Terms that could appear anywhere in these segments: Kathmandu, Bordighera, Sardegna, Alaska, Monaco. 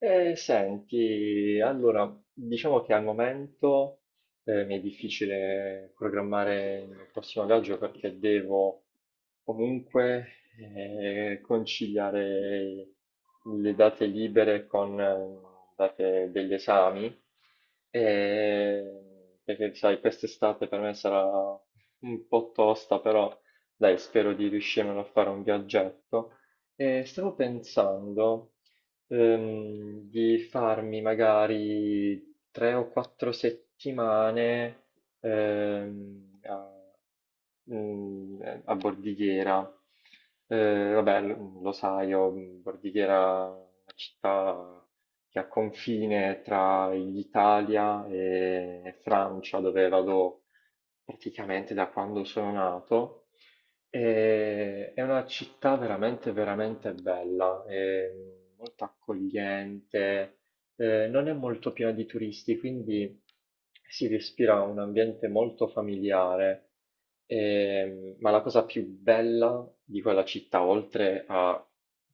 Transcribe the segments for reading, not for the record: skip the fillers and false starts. Senti, allora, diciamo che al momento mi è difficile programmare il prossimo viaggio perché devo comunque conciliare le date libere con date degli esami, e, perché sai, quest'estate per me sarà un po' tosta, però dai, spero di riuscire a fare un viaggetto. E stavo pensando di farmi magari tre o quattro settimane ehm, a, a Bordighera. Vabbè, lo sai, io, Bordighera è una città che ha confine tra l'Italia e Francia, dove vado praticamente da quando sono nato. È una città veramente, veramente bella, è molto accogliente, non è molto piena di turisti, quindi si respira un ambiente molto familiare. Ma la cosa più bella di quella città, oltre a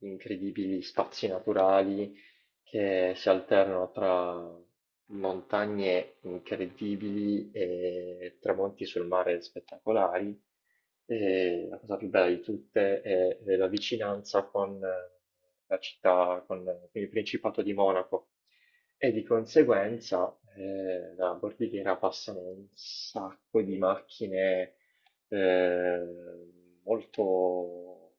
incredibili spazi naturali che si alternano tra montagne incredibili e tramonti sul mare spettacolari. E la cosa più bella di tutte è la vicinanza con la città, con il Principato di Monaco e di conseguenza la Bordighera passano un sacco di macchine eh, molto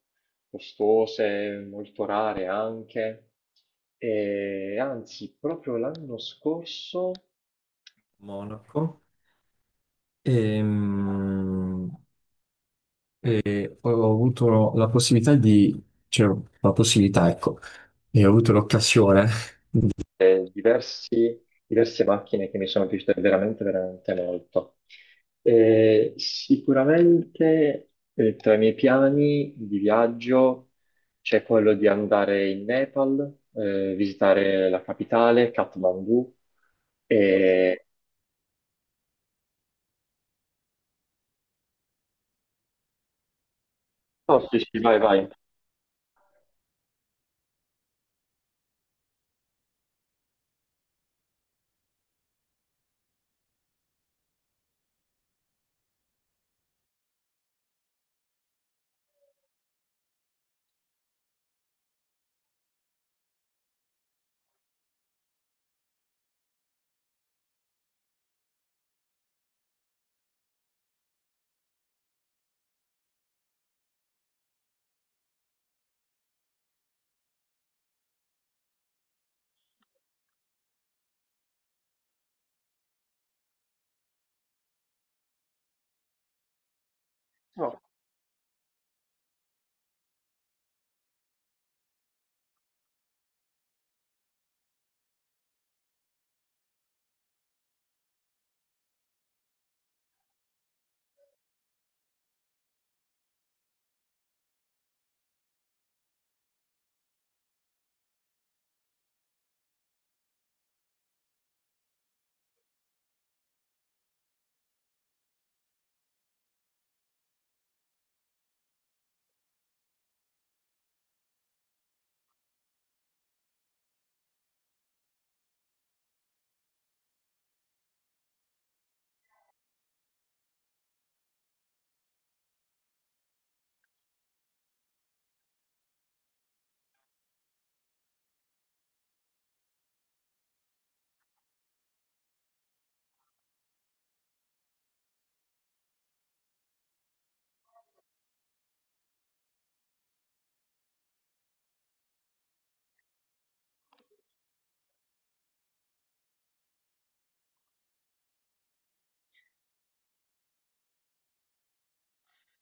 costose, molto rare anche. E anzi, proprio l'anno scorso, Monaco. Ehm, E poi ho avuto la possibilità di, cioè, la possibilità, ecco, e ho avuto l'occasione eh, diversi- diverse macchine che mi sono piaciute veramente, veramente molto. Sicuramente tra i miei piani di viaggio c'è quello di andare in Nepal, visitare la capitale, Kathmandu. E... Oh, sì, sì, vai, vai.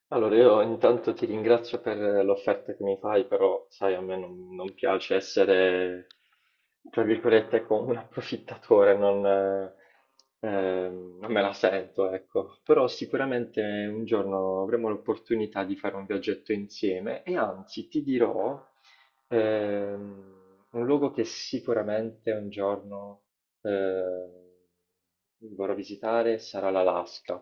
Allora, io intanto ti ringrazio per l'offerta che mi fai, però sai, a me non, non piace essere, tra virgolette, come un approfittatore, non, non me la sento, ecco. Però sicuramente un giorno avremo l'opportunità di fare un viaggetto insieme e anzi ti dirò ehm, un luogo che sicuramente un giorno eh, vorrò visitare sarà l'Alaska.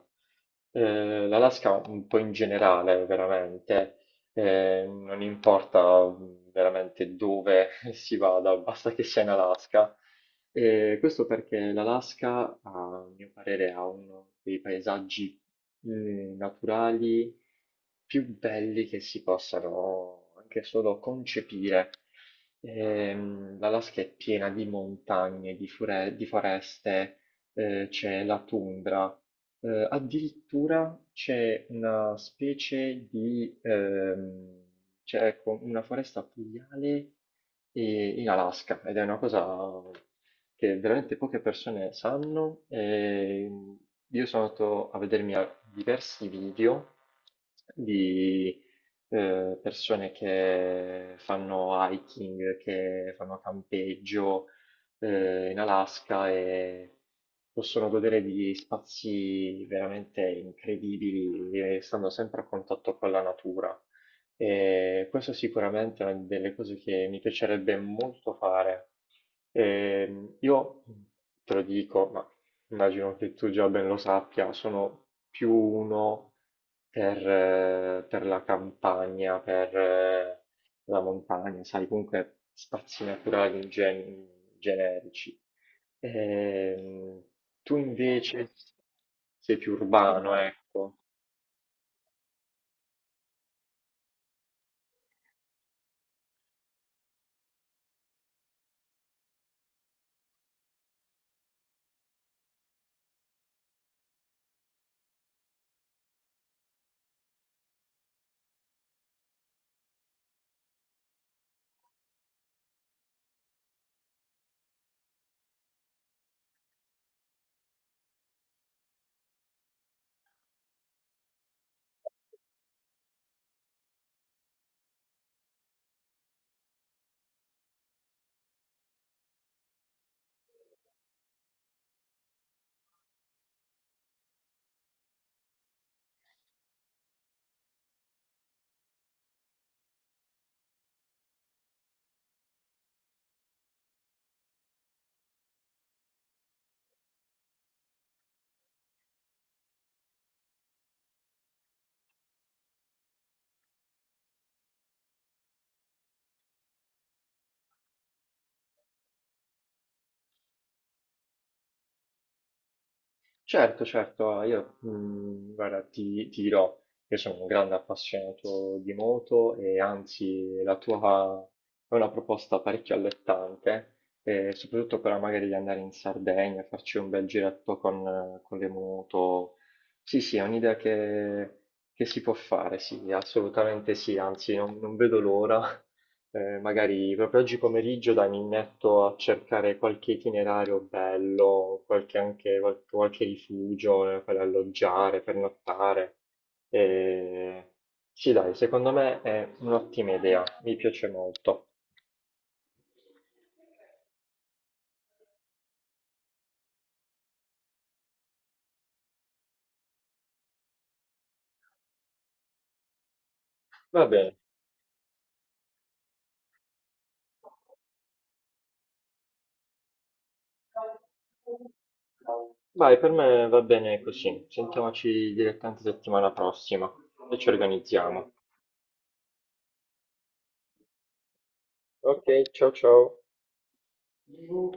L'Alaska un po' in generale, veramente, non importa veramente dove si vada, basta che sia in Alaska. Questo perché l'Alaska, a mio parere, ha uno dei paesaggi, naturali più belli che si possano anche solo concepire. L'Alaska è piena di montagne, di foreste, c'è la tundra. Addirittura c'è una specie di, c'è ecco, una foresta pluviale in Alaska ed è una cosa che veramente poche persone sanno. E io sono andato a vedermi a diversi video di persone che fanno hiking, che fanno campeggio in Alaska e possono godere di spazi veramente incredibili, stando sempre a contatto con la natura. E questo sicuramente è una delle cose che mi piacerebbe molto fare. Io te lo dico, ma immagino che tu già ben lo sappia, sono più uno per la campagna, per la montagna, sai, comunque spazi naturali in generici. Ehm, Tu invece sei più urbano, ecco. Certo, certo, ah, io guarda, ti dirò, io sono un grande appassionato di moto e anzi la tua è una proposta parecchio allettante, soprattutto quella magari di andare in Sardegna, farci un bel giretto con le moto. Sì, sì, è un'idea che si può fare, sì, assolutamente sì, anzi non vedo l'ora. Magari proprio oggi pomeriggio, dai, mi metto a cercare qualche itinerario bello, qualche, anche, qualche rifugio per alloggiare, per nottare. Eh, sì, dai, secondo me è un'ottima idea, mi piace molto. Va bene. Vai, per me va bene così. Sentiamoci direttamente settimana prossima e ci organizziamo. Ok, ciao ciao.